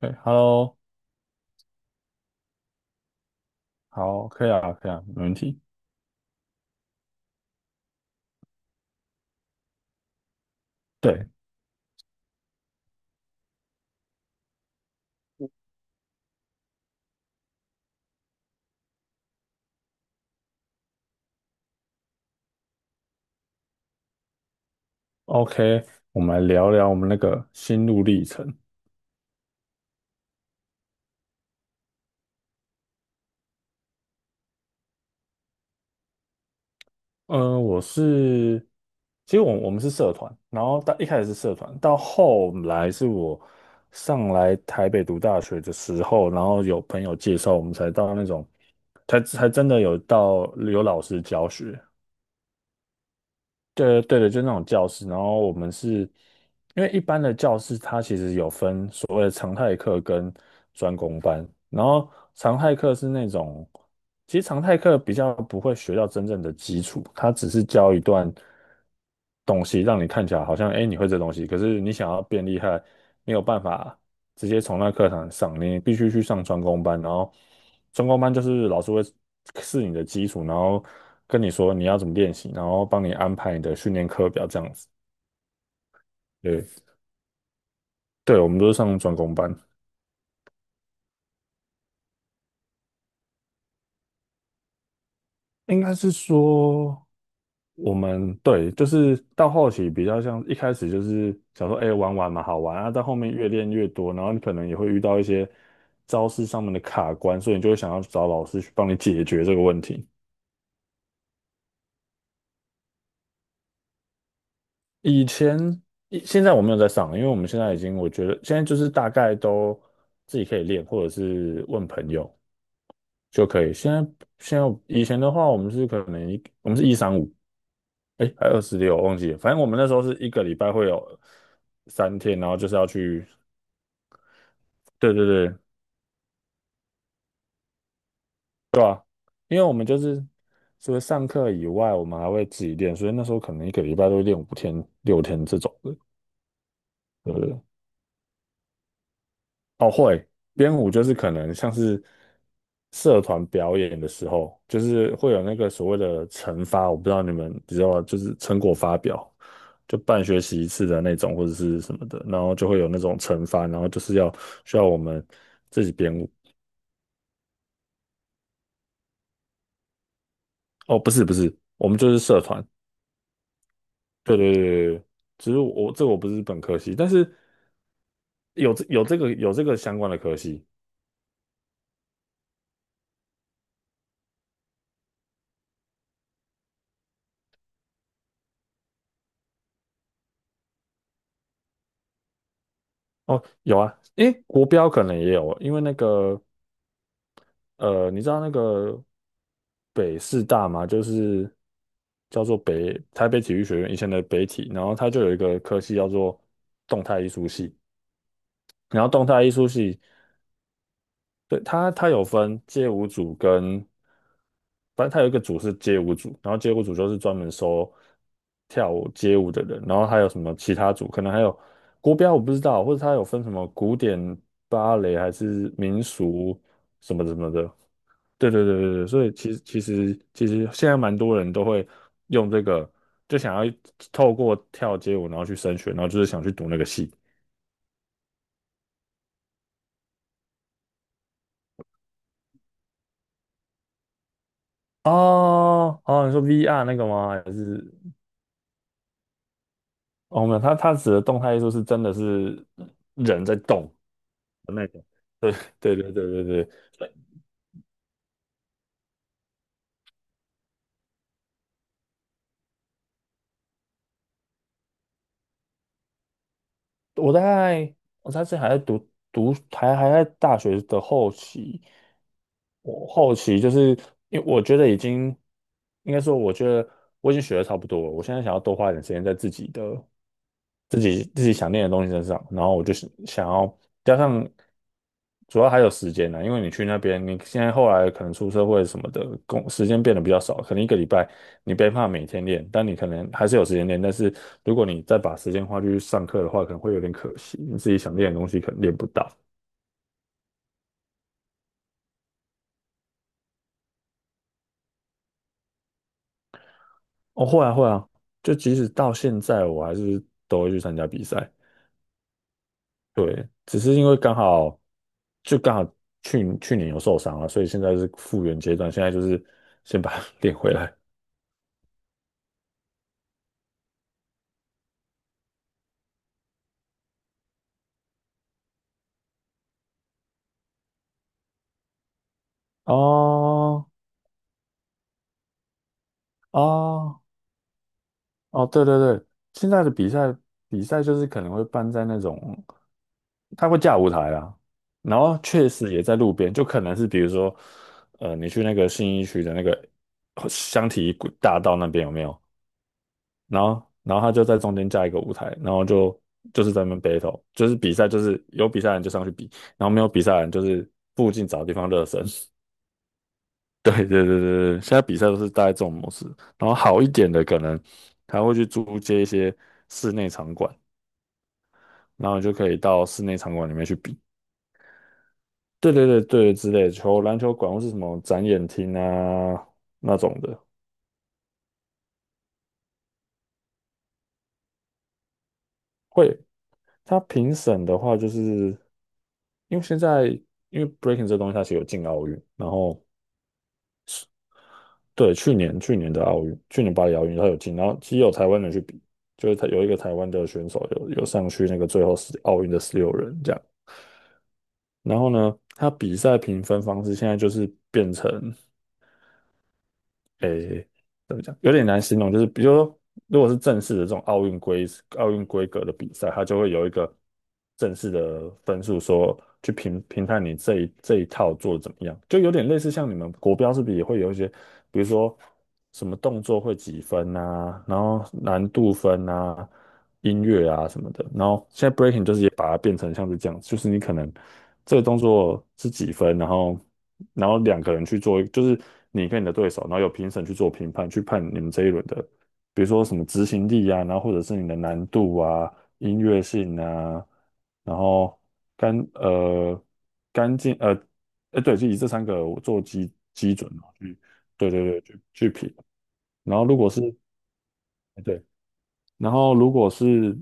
对 h e l l o 好，可以啊，可以啊，没问题。对，OK，我们来聊聊我们那个心路历程。嗯、我是，其实我们是社团，然后到一开始是社团，到后来是我上来台北读大学的时候，然后有朋友介绍，我们才到那种，才真的有到有老师教学。对对的，就那种教室。然后我们是因为一般的教室，它其实有分所谓的常态课跟专攻班。然后常态课是那种，其实常态课比较不会学到真正的基础，它只是教一段东西，让你看起来好像哎你会这东西，可是你想要变厉害，没有办法。直接从那课堂上，你必须去上专攻班，然后专攻班就是老师会是你的基础，然后跟你说你要怎么练习，然后帮你安排你的训练课表这样子。对，对，我们都是上专攻班，应该是说我们对，就是到后期比较像一开始就是想说，哎、玩玩嘛，好玩啊，到后面越练越多，然后你可能也会遇到一些招式上面的卡关，所以你就会想要找老师去帮你解决这个问题。以前，以现在我没有在上了因为我们现在已经，我觉得现在就是大概都自己可以练，或者是问朋友就可以。现在以前的话，我们是可能我们是一三五，哎，还26，我忘记了。反正我们那时候是一个礼拜会有3天，然后就是要去，对对对，对吧？因为我们就是除了上课以外，我们还会自己练，所以那时候可能一个礼拜都会练5天、6天这种的，对不对。哦，会编舞就是可能像是社团表演的时候，就是会有那个所谓的惩罚，我不知道你们知道吗，就是成果发表，就半学期一次的那种或者是什么的，然后就会有那种惩罚，然后就是需要我们自己编舞。哦，不是不是，我们就是社团，对对对对对，只是我这个我不是本科系，但是有这个相关的科系。哦，有啊，诶，国标可能也有，因为那个你知道那个北师大吗？就是叫做北台北体育学院以前的北体，然后它就有一个科系叫做动态艺术系，然后动态艺术系，对，它它有分街舞组跟，反正它有一个组是街舞组，然后街舞组就是专门收跳舞街舞的人，然后还有什么其他组，可能还有国标我不知道，或者它有分什么古典芭蕾还是民俗什么什么的，对对对对对，所以其实现在蛮多人都会用这个，就想要透过跳街舞然后去升学，然后就是想去读那个系。哦哦，你说 VR 那个吗？还是哦没有，它它指的动态艺术是真的是人在动的那种。对对对对对，我大概我那次还在读读还还在大学的后期，我后期就是因为我觉得已经应该说，我觉得我已经学的差不多了，我现在想要多花一点时间在自己的。自己想练的东西身上，然后我就是想要加上，主要还有时间呢、因为你去那边，你现在后来可能出社会什么的，工时间变得比较少，可能一个礼拜你没办法每天练，但你可能还是有时间练，但是如果你再把时间花去上课的话，可能会有点可惜，你自己想练的东西可能练不到。哦，会啊会啊，就即使到现在我还是都会去参加比赛，对，只是因为刚好就刚好去年有受伤了，所以现在是复原阶段，现在就是先把它 练回来。哦哦哦，对对对，现在的比赛比赛就是可能会办在那种，它会架舞台啦，然后确实也在路边，就可能是比如说，你去那个信义区的那个香缇大道那边有没有？然后他就在中间加一个舞台，然后就是在那边 battle，就是比赛，就是有比赛的人就上去比，然后没有比赛的人就是附近找地方热身。对对对对对，现在比赛都是大概这种模式，然后好一点的可能他会去租借一些室内场馆，然后你就可以到室内场馆里面去比。对对对对，之类的球篮球馆或是什么展演厅啊那种的，会他评审的话，就是因为现在因为 breaking 这东西它其实有进奥运，然后对去年去年的奥运，去年巴黎奥运它有进，然后其实有台湾人去比，就是他有一个台湾的选手有上去那个最后十奥运的16人这样，然后呢，他比赛评分方式现在就是变成。诶，怎么讲，有点难形容，就是比如说，如果是正式的这种奥运规格的比赛，它就会有一个正式的分数说，去评判你这一套做的怎么样，就有点类似像你们国标是不是也会有一些，比如说什么动作会几分啊，然后难度分啊，音乐啊什么的。然后现在 breaking 就是也把它变成像是这样，就是你可能这个动作是几分，然后两个人去做，就是你跟你的对手，然后有评审去做评判，去判你们这一轮的，比如说什么执行力啊，然后或者是你的难度啊、音乐性啊，然后干呃干净哎对，就以这3个做基准嘛，去对对对去评。然后如果是哎对，然后如果是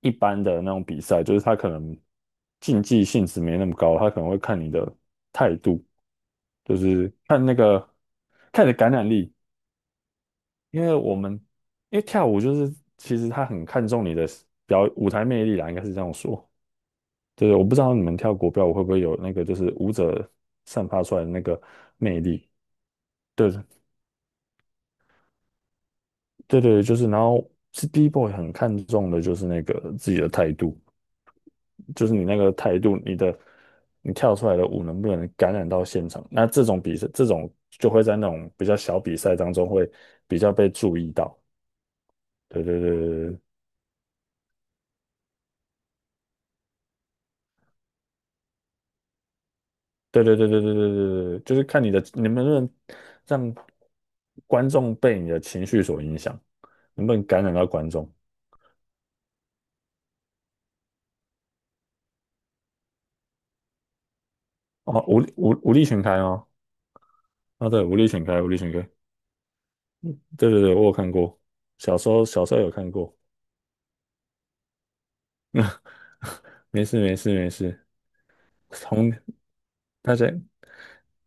一般的那种比赛，就是他可能竞技性质没那么高，他可能会看你的态度，就是看那个看你的感染力，因为我们因为跳舞就是其实他很看重你的表舞台魅力啦，应该是这样说。对，我不知道你们跳国标舞会不会有那个就是舞者散发出来的那个魅力。对对对，就是，然后是第一 o 很看重的就是那个自己的态度。就是你那个态度，你的你跳出来的舞能不能感染到现场？那这种比赛，这种就会在那种比较小比赛当中会比较被注意到。对对对对对对对对对对对对对，就是看你的你能不能让观众被你的情绪所影响，能不能感染到观众？哦，武力全开哦，啊对，武力全开，武力全开，对对对，我有看过，小时候小时候有看过，没事没事没事，从大家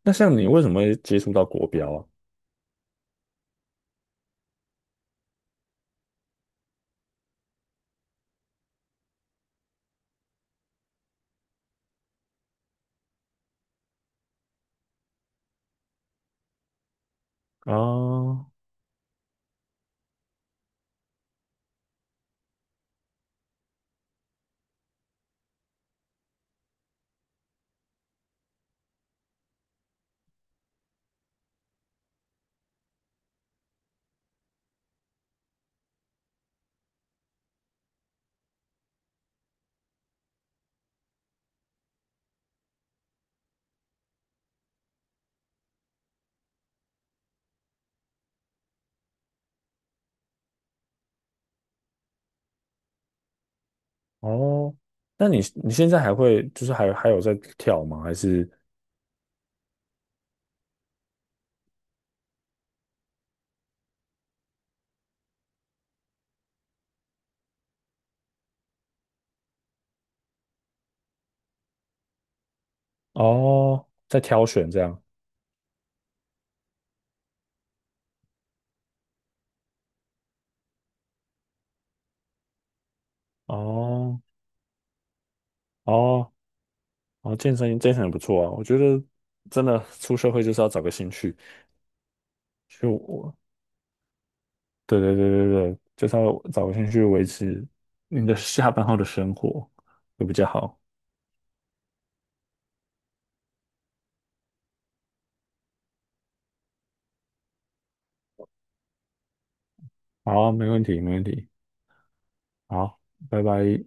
那像你为什么会接触到国标啊？啊，哦，那你现在还会就是还有在跳吗？还是哦在挑选这样？哦哦哦，健身健身也不错啊，我觉得真的出社会就是要找个兴趣，就我对对对对对，就是要找个兴趣维持你的下班后的生活会比较好。好，没问题没问题，好，拜拜。